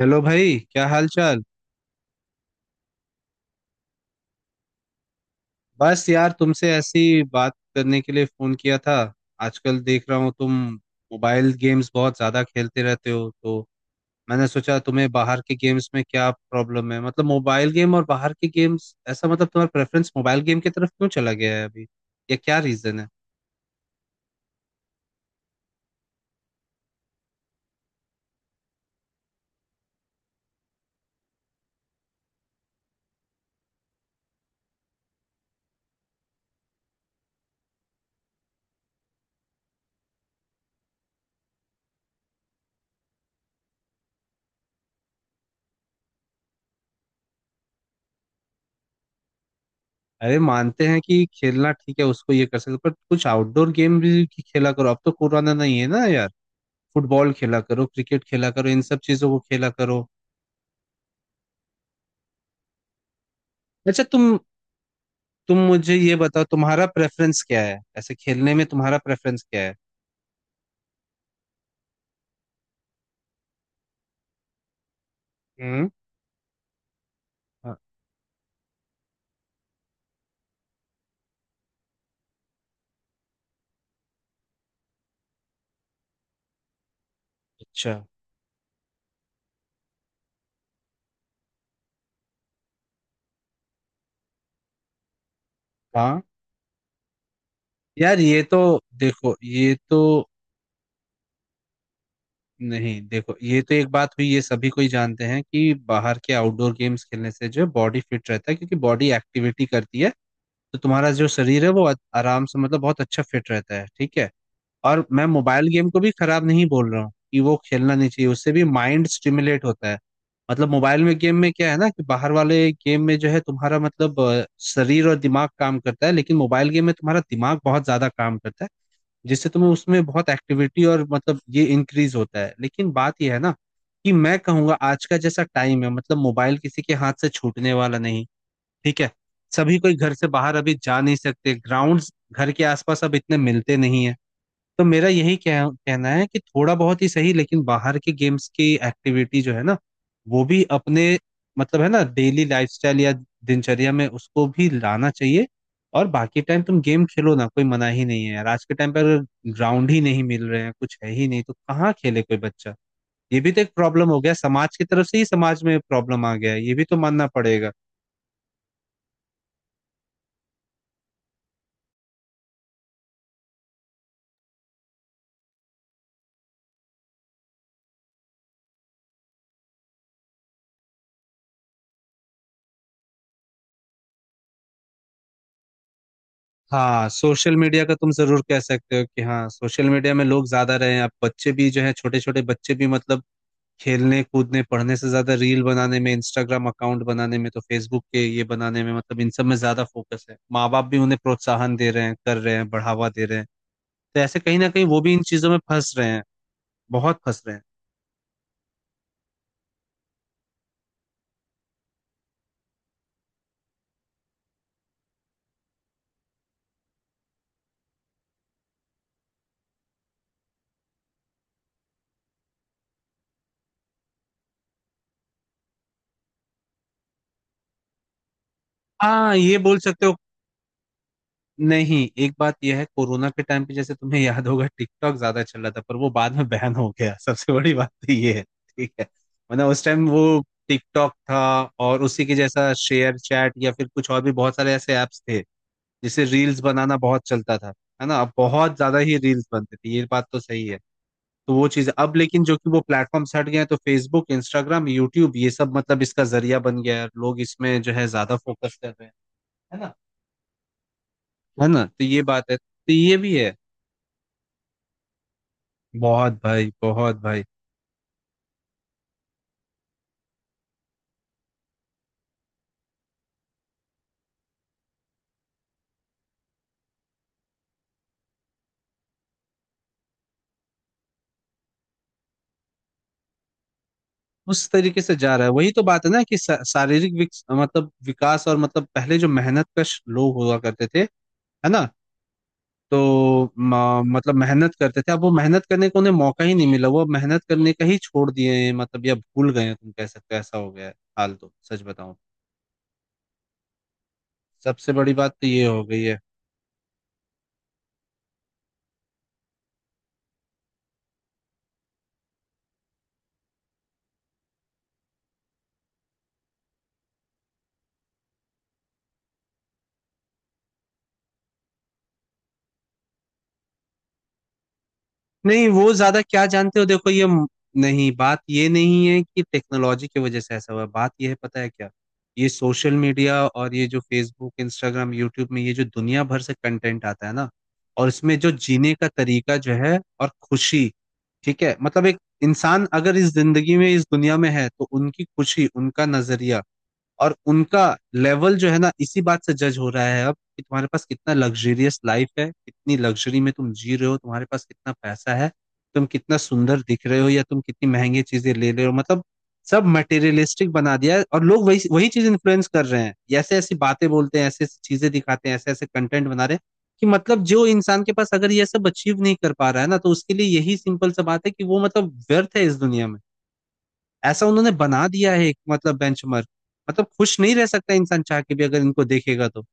Hello भाई, क्या हाल चाल। बस यार, तुमसे ऐसी बात करने के लिए फोन किया था। आजकल देख रहा हूँ तुम मोबाइल गेम्स बहुत ज्यादा खेलते रहते हो। तो मैंने सोचा, तुम्हें बाहर के गेम्स में क्या प्रॉब्लम है? मतलब मोबाइल गेम और बाहर के गेम्स, ऐसा मतलब तुम्हारा प्रेफरेंस मोबाइल गेम की तरफ क्यों चला गया है अभी, या क्या रीजन है? अरे, मानते हैं कि खेलना ठीक है, उसको ये कर सकते हो, पर कुछ आउटडोर गेम भी खेला करो। अब तो कोरोना नहीं है ना यार। फुटबॉल खेला करो, क्रिकेट खेला करो, इन सब चीजों को खेला करो। अच्छा, तुम मुझे ये बताओ, तुम्हारा प्रेफरेंस क्या है? ऐसे खेलने में तुम्हारा प्रेफरेंस क्या है? हम्म। हाँ। अच्छा। हाँ यार, ये तो देखो ये तो नहीं देखो, ये तो एक बात हुई। ये सभी कोई जानते हैं कि बाहर के आउटडोर गेम्स खेलने से जो है बॉडी फिट रहता है, क्योंकि बॉडी एक्टिविटी करती है। तो तुम्हारा जो शरीर है वो आराम से मतलब बहुत अच्छा फिट रहता है, ठीक है। और मैं मोबाइल गेम को भी खराब नहीं बोल रहा हूँ कि वो खेलना नहीं चाहिए, उससे भी माइंड स्टिमुलेट होता है। मतलब मोबाइल में गेम में क्या है ना, कि बाहर वाले गेम में जो है तुम्हारा मतलब शरीर और दिमाग काम करता है, लेकिन मोबाइल गेम में तुम्हारा दिमाग बहुत ज्यादा काम करता है। जिससे तुम्हें उसमें बहुत एक्टिविटी और मतलब ये इंक्रीज होता है। लेकिन बात यह है ना कि मैं कहूंगा आज का जैसा टाइम है, मतलब मोबाइल किसी के हाथ से छूटने वाला नहीं, ठीक है। सभी कोई घर से बाहर अभी जा नहीं सकते, ग्राउंड्स घर के आसपास अब इतने मिलते नहीं है। तो मेरा यही कहना है कि थोड़ा बहुत ही सही, लेकिन बाहर के गेम्स की एक्टिविटी जो है ना, वो भी अपने मतलब है ना डेली लाइफस्टाइल या दिनचर्या में उसको भी लाना चाहिए। और बाकी टाइम तुम गेम खेलो ना, कोई मना ही नहीं है यार। आज के टाइम पर अगर ग्राउंड ही नहीं मिल रहे हैं, कुछ है ही नहीं, तो कहाँ खेले कोई बच्चा? ये भी तो एक प्रॉब्लम हो गया, समाज की तरफ से ही समाज में प्रॉब्लम आ गया है, ये भी तो मानना पड़ेगा। हाँ, सोशल मीडिया का तुम जरूर कह सकते हो कि हाँ सोशल मीडिया में लोग ज्यादा रहे हैं, अब बच्चे भी जो है, छोटे छोटे बच्चे भी मतलब खेलने कूदने पढ़ने से ज्यादा रील बनाने में, इंस्टाग्राम अकाउंट बनाने में, तो फेसबुक के ये बनाने में, मतलब इन सब में ज्यादा फोकस है। माँ बाप भी उन्हें प्रोत्साहन दे रहे हैं, कर रहे हैं, बढ़ावा दे रहे हैं। तो ऐसे कहीं ना कहीं वो भी इन चीजों में फंस रहे हैं, बहुत फंस रहे हैं। हाँ ये बोल सकते हो। नहीं, एक बात यह है, कोरोना के टाइम पे जैसे तुम्हें याद होगा, टिकटॉक ज्यादा चल रहा था, पर वो बाद में बैन हो गया सबसे बड़ी बात तो ये है, ठीक है। वरना उस टाइम वो टिकटॉक था। और उसी के जैसा शेयर चैट या फिर कुछ और भी बहुत सारे ऐसे ऐप्स थे, जैसे रील्स बनाना बहुत चलता था, है ना। अब बहुत ज्यादा ही रील्स बनते थे, ये बात तो सही है। तो वो चीज अब, लेकिन जो कि वो प्लेटफॉर्म हट गए हैं, तो फेसबुक, इंस्टाग्राम, यूट्यूब ये सब मतलब इसका जरिया बन गया है, लोग इसमें जो है ज्यादा फोकस कर रहे हैं, है ना। है ना, तो ये बात है, तो ये भी है। बहुत भाई, बहुत भाई। उस तरीके से जा रहा है, वही तो बात है ना कि शारीरिक मतलब विकास, और मतलब पहले जो मेहनत कश लोग हुआ करते थे, है ना। तो मतलब मेहनत करते थे, अब वो मेहनत करने को उन्हें मौका ही नहीं मिला, वो अब मेहनत करने का ही छोड़ दिए हैं, मतलब या भूल गए हैं, तुम कह सकते हो ऐसा हो गया है हाल, तो सच बताऊं सबसे बड़ी बात तो ये हो गई है। नहीं, वो ज्यादा क्या जानते हो, देखो नहीं, बात ये नहीं है कि टेक्नोलॉजी की वजह से ऐसा हुआ। बात ये है, पता है क्या, ये सोशल मीडिया और ये जो फेसबुक, इंस्टाग्राम, यूट्यूब में ये जो दुनिया भर से कंटेंट आता है ना, और इसमें जो जीने का तरीका जो है, और खुशी, ठीक है, मतलब एक इंसान अगर इस जिंदगी में, इस दुनिया में है, तो उनकी खुशी, उनका नजरिया, और उनका लेवल जो है ना, इसी बात से जज हो रहा है अब, कि तुम्हारे पास कितना लग्जरियस लाइफ है, कितनी लग्जरी में तुम जी रहे हो, तुम्हारे पास कितना पैसा है, तुम कितना सुंदर दिख रहे हो, या तुम कितनी महंगी चीजें ले रहे हो, मतलब सब मटेरियलिस्टिक बना दिया है। और लोग वही वही चीज इन्फ्लुएंस कर रहे हैं, ऐसे ऐसी बातें बोलते हैं, ऐसे ऐसी चीजें दिखाते हैं, ऐसे ऐसे कंटेंट बना रहे हैं, कि मतलब जो इंसान के पास अगर ये सब अचीव नहीं कर पा रहा है ना, तो उसके लिए यही सिंपल सा बात है कि वो मतलब व्यर्थ है इस दुनिया में, ऐसा उन्होंने बना दिया है एक मतलब बेंचमार्क। मतलब खुश नहीं रह सकता इंसान, चाह के भी अगर इनको देखेगा तो।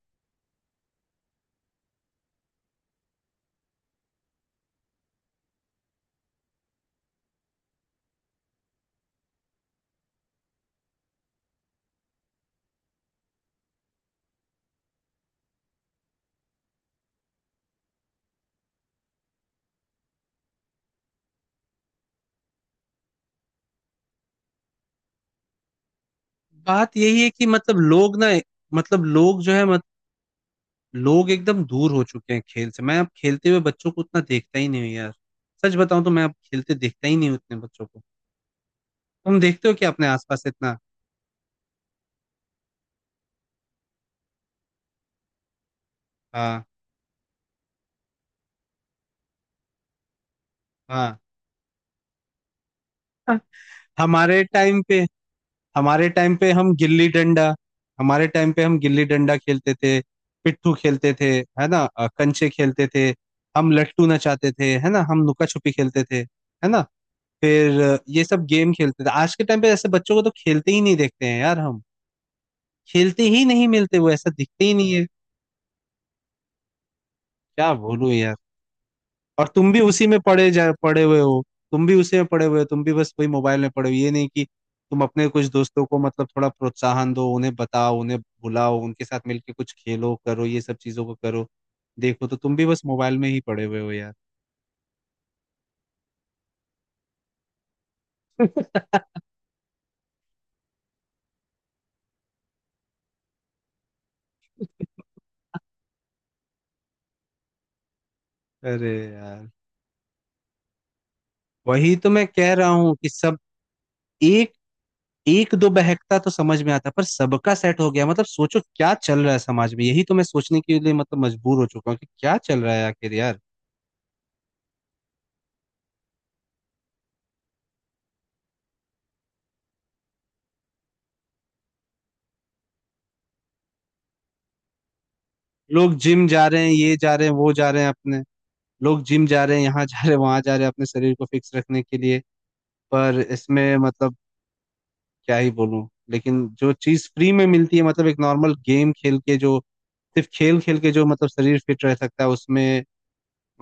बात यही है कि मतलब लोग ना मतलब लोग जो है मत, लोग एकदम दूर हो चुके हैं खेल से। मैं अब खेलते हुए बच्चों को उतना देखता ही नहीं हूँ यार, सच बताऊं तो मैं अब खेलते देखता ही नहीं हूँ उतने बच्चों को। तुम देखते हो क्या अपने आसपास इतना? हाँ हाँ। हमारे टाइम पे हमारे टाइम पे हम गिल्ली डंडा हमारे टाइम पे हम गिल्ली डंडा खेलते थे, पिट्ठू खेलते थे, है ना, कंचे खेलते थे, हम लट्टू नचाते थे, है ना, हम लुका छुपी खेलते थे, है ना, फिर ये सब गेम खेलते थे। आज के टाइम पे ऐसे बच्चों को तो खेलते ही नहीं देखते हैं यार हम, खेलते ही नहीं मिलते, वो ऐसा दिखते ही नहीं है, क्या बोलूं यार। और तुम भी उसी में पड़े हुए हो, तुम भी उसी में पड़े हुए हो, तुम भी बस वही मोबाइल में पड़े हो, ये नहीं कि तुम अपने कुछ दोस्तों को मतलब थोड़ा प्रोत्साहन दो, उन्हें बताओ, उन्हें बुलाओ, उनके साथ मिलके कुछ खेलो करो, ये सब चीजों को करो। देखो, तो तुम भी बस मोबाइल में ही पड़े हुए हो यार। अरे यार, वही तो मैं कह रहा हूँ कि सब, एक, एक दो बहकता तो समझ में आता, पर सबका सेट हो गया, मतलब सोचो क्या चल रहा है समाज में, यही तो मैं सोचने के लिए मतलब मजबूर हो चुका हूँ कि क्या चल रहा है आखिर यार। लोग जिम जा रहे हैं ये जा रहे हैं वो जा रहे हैं अपने लोग जिम जा रहे हैं, यहाँ जा रहे हैं, वहां जा रहे हैं, अपने शरीर को फिक्स रखने के लिए। पर इसमें मतलब क्या ही बोलूं, लेकिन जो चीज फ्री में मिलती है, मतलब एक नॉर्मल गेम खेल के जो, सिर्फ खेल खेल के जो मतलब शरीर फिट रह सकता है उसमें,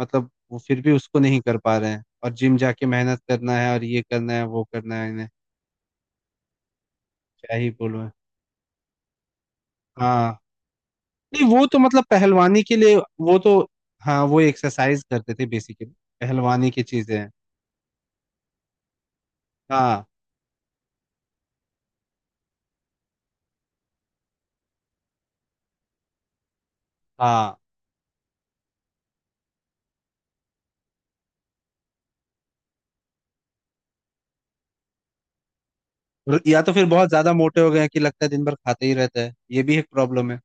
मतलब वो फिर भी उसको नहीं कर पा रहे हैं, और जिम जाके मेहनत करना है और ये करना है वो करना है इन्हें, क्या ही बोलूं। हाँ। नहीं, वो तो मतलब पहलवानी के लिए। वो तो हाँ, वो एक्सरसाइज करते थे बेसिकली, पहलवानी की चीजें हैं। हाँ हाँ। और या तो फिर बहुत ज्यादा मोटे हो गए हैं कि लगता है दिन भर खाते ही रहता है, ये भी एक प्रॉब्लम है,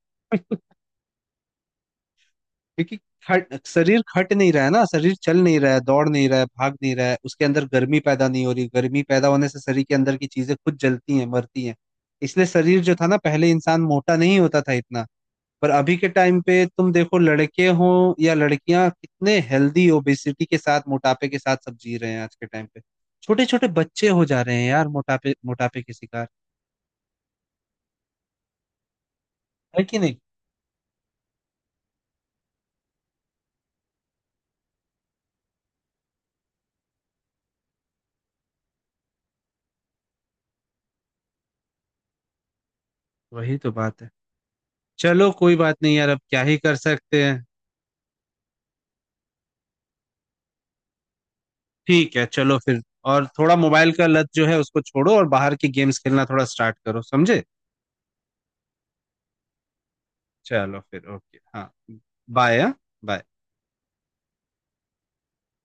क्योंकि खट शरीर खट नहीं रहा है ना, शरीर चल नहीं रहा है, दौड़ नहीं रहा है, भाग नहीं रहा है, उसके अंदर गर्मी पैदा नहीं हो रही, गर्मी पैदा होने से शरीर के अंदर की चीजें खुद जलती हैं, मरती हैं, इसलिए शरीर जो था ना, पहले इंसान मोटा नहीं होता था इतना। पर अभी के टाइम पे तुम देखो, लड़के हो या लड़कियां, कितने हेल्दी ओबेसिटी के साथ, मोटापे के साथ सब जी रहे हैं आज के टाइम पे। छोटे छोटे बच्चे हो जा रहे हैं यार मोटापे मोटापे के शिकार, है कि नहीं? वही तो बात है, चलो कोई बात नहीं यार, अब क्या ही कर सकते हैं। ठीक है, चलो फिर। और थोड़ा मोबाइल का लत जो है उसको छोड़ो, और बाहर की गेम्स खेलना थोड़ा स्टार्ट करो, समझे। चलो फिर, ओके, हाँ। बाय। हाँ, बाय।